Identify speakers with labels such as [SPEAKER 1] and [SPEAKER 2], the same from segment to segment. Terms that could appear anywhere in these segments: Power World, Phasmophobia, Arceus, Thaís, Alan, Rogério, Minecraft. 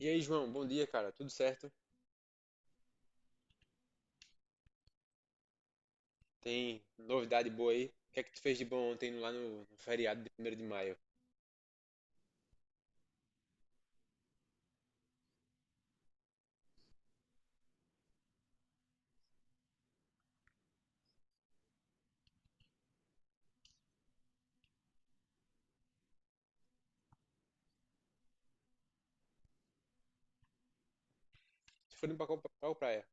[SPEAKER 1] E aí, João, bom dia, cara. Tudo certo? Tem novidade boa aí? O que é que tu fez de bom ontem lá no feriado de primeiro de maio? Tu foi pra qual praia?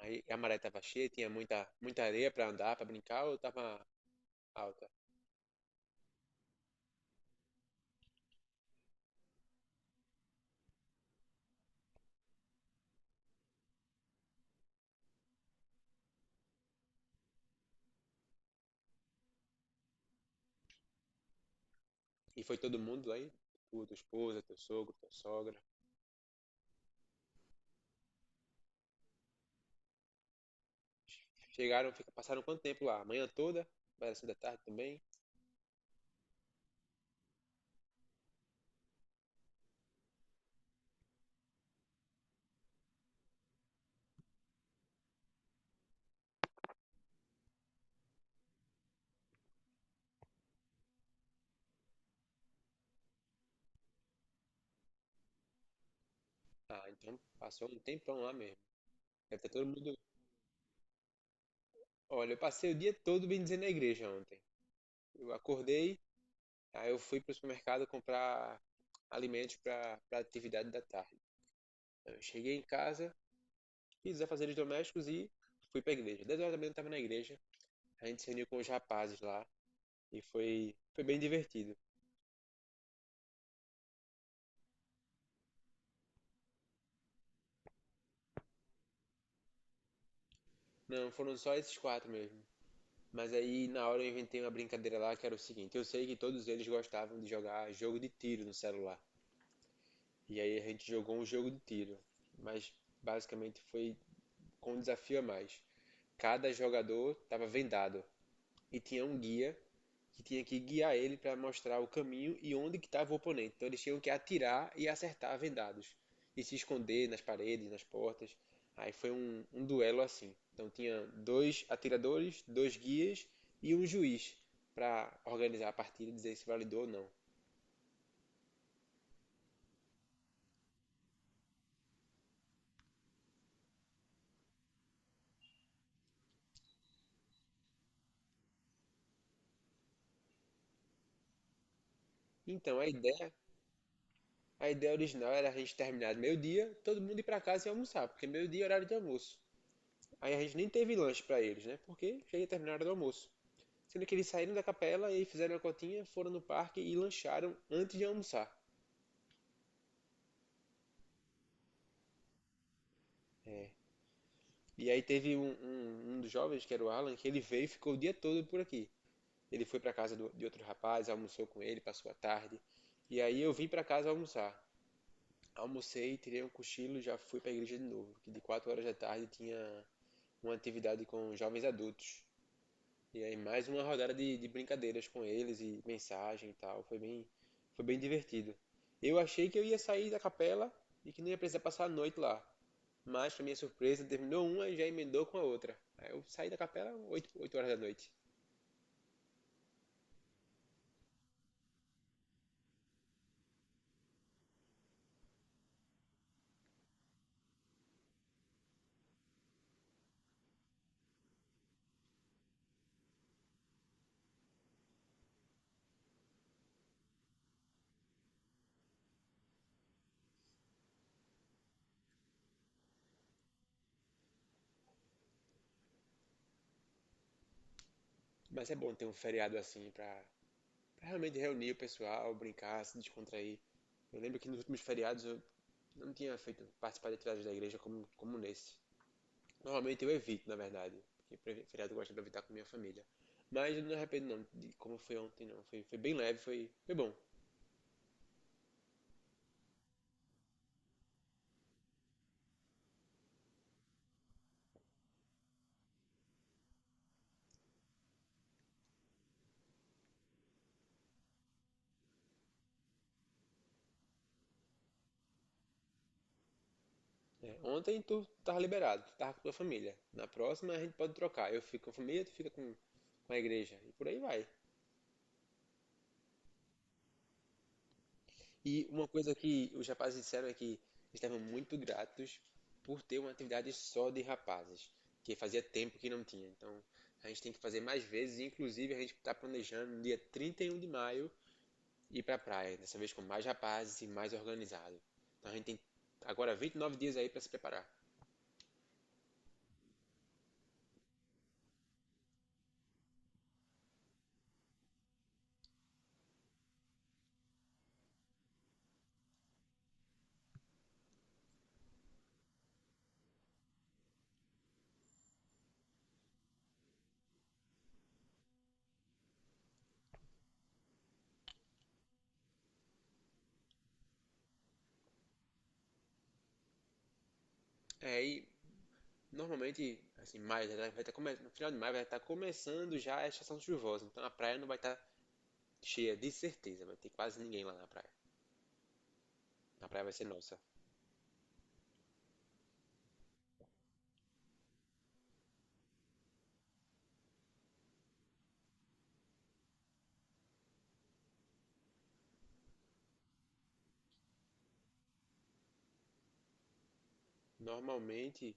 [SPEAKER 1] Aí a maré tava cheia, tinha muita, muita areia pra andar, pra brincar, ou tava alta? E foi todo mundo lá aí? Tu, tua esposa, teu sogro, tua sogra. Chegaram, passaram quanto tempo lá? A manhã toda? Parece da tarde também? Ah, então passou um tempão lá mesmo. Deve ter todo mundo. Olha, eu passei o dia todo bem dizer na igreja ontem. Eu acordei. Aí eu fui para o supermercado comprar alimentos para a atividade da tarde. Eu cheguei em casa, fiz os afazeres domésticos e fui para a igreja. 10 horas da manhã eu estava na igreja. A gente se reuniu com os rapazes lá e foi bem divertido. Não, foram só esses quatro mesmo. Mas aí na hora eu inventei uma brincadeira lá que era o seguinte: eu sei que todos eles gostavam de jogar jogo de tiro no celular. E aí a gente jogou um jogo de tiro, mas basicamente foi com um desafio a mais. Cada jogador estava vendado e tinha um guia que tinha que guiar ele para mostrar o caminho e onde que estava o oponente. Então eles tinham que atirar e acertar vendados e se esconder nas paredes, nas portas. Aí foi um duelo assim. Então tinha dois atiradores, dois guias e um juiz para organizar a partida e dizer se validou ou não. Então a ideia original era a gente terminar de meio-dia, todo mundo ir para casa e almoçar, porque meio-dia é horário de almoço. Aí a gente nem teve lanche para eles, né? Porque já ia terminar a hora do almoço. Sendo que eles saíram da capela e fizeram a cotinha, foram no parque e lancharam antes de almoçar. É. E aí teve um dos jovens, que era o Alan, que ele veio e ficou o dia todo por aqui. Ele foi pra casa de outro rapaz, almoçou com ele, passou a tarde. E aí eu vim pra casa almoçar. Almocei, tirei um cochilo e já fui pra igreja de novo. Que de 4 horas da tarde tinha uma atividade com jovens adultos. E aí mais uma rodada de brincadeiras com eles e mensagem e tal. Foi bem divertido. Eu achei que eu ia sair da capela e que não ia precisar passar a noite lá. Mas, pra minha surpresa, terminou uma e já emendou com a outra. Aí eu saí da capela oito horas da noite. Mas é bom ter um feriado assim pra realmente reunir o pessoal, brincar, se descontrair. Eu lembro que nos últimos feriados eu não tinha feito participar de atividades da igreja como nesse. Normalmente eu evito, na verdade. Porque feriado eu gosto de evitar com minha família. Mas eu não me arrependo não de como foi ontem, não. Foi bem leve, foi bom. Né? Ontem tu tava liberado, tu tava com tua família. Na próxima a gente pode trocar. Eu fico com a família, tu fica com a igreja. E por aí vai. E uma coisa que os rapazes disseram é que estavam muito gratos por ter uma atividade só de rapazes. Que fazia tempo que não tinha. Então a gente tem que fazer mais vezes. Inclusive a gente está planejando no dia 31 de maio ir pra praia, dessa vez com mais rapazes e mais organizado. Então a gente tem agora 29 dias aí pra se preparar. É, e normalmente, assim, maio já tá, vai estar começando, no final de maio vai estar começando já a estação chuvosa, então a praia não vai estar cheia, de certeza, vai ter quase ninguém lá na praia. A praia vai ser nossa. Normalmente,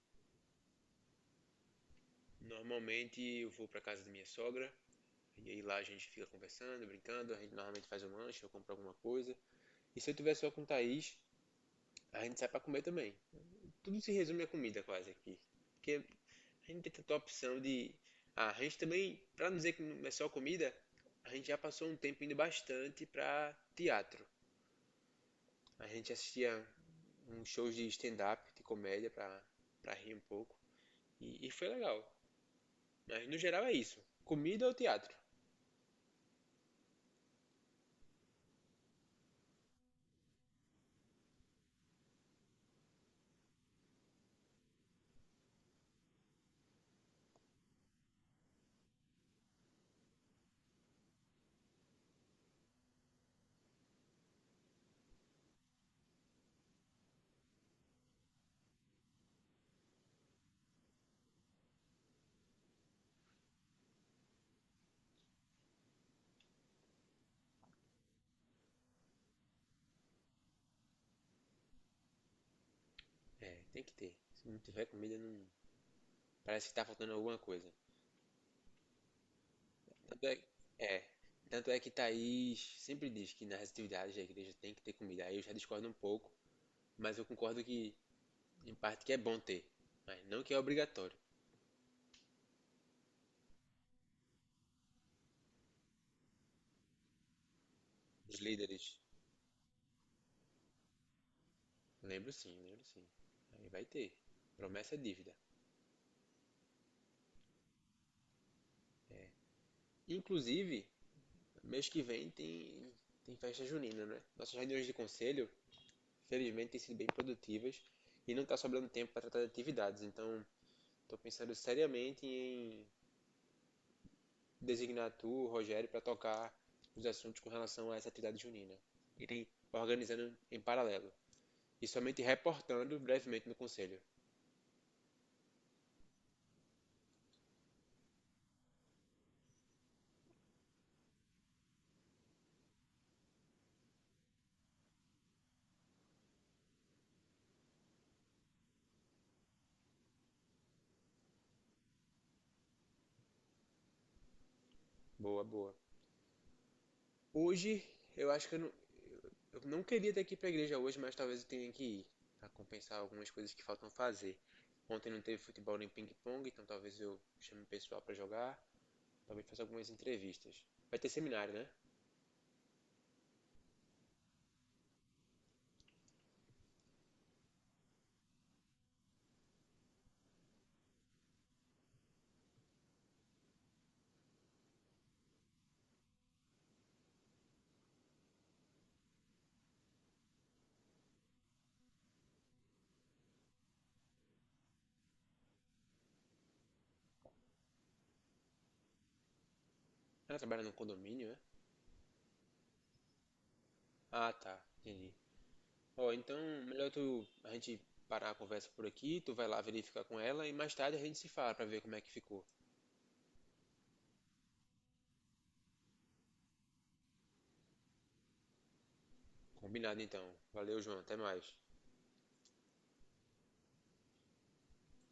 [SPEAKER 1] normalmente eu vou pra casa da minha sogra, e aí lá a gente fica conversando, brincando, a gente normalmente faz um lanche ou compra alguma coisa. E se eu tiver só com o Thaís, a gente sai pra comer também. Tudo se resume à comida quase aqui. Porque a gente tem tanta opção de. Ah, a gente também, para não dizer que não é só comida, a gente já passou um tempo indo bastante para teatro. A gente assistia uns shows de stand-up, de comédia, para rir um pouco. E foi legal. Mas no geral é isso. Comida ou teatro? É, tem que ter. Se não tiver comida, não, parece que tá faltando alguma coisa. Tanto é, é, tanto é que Thaís sempre diz que nas atividades da igreja tem que ter comida. Aí eu já discordo um pouco, mas eu concordo que em parte que é bom ter, mas não que é obrigatório. Os líderes. Lembro sim, lembro sim. Aí vai ter. Promessa é dívida. Inclusive, mês que vem tem, festa junina, né? Nossas reuniões de conselho, felizmente, têm sido bem produtivas e não está sobrando tempo para tratar de atividades. Então, estou pensando seriamente em designar tu, Rogério, para tocar os assuntos com relação a essa atividade junina. Irem organizando em paralelo e somente reportando brevemente no conselho. Boa, boa. Hoje, eu acho que eu não queria ter que ir pra igreja hoje, mas talvez eu tenha que ir pra compensar algumas coisas que faltam fazer. Ontem não teve futebol nem ping-pong, então talvez eu chame o pessoal pra jogar, talvez faça algumas entrevistas. Vai ter seminário, né? Ela trabalha num condomínio, né? Ah, tá, entendi. Ó, então melhor tu a gente parar a conversa por aqui, tu vai lá verificar com ela e mais tarde a gente se fala pra ver como é que ficou. Combinado então. Valeu, João, até mais.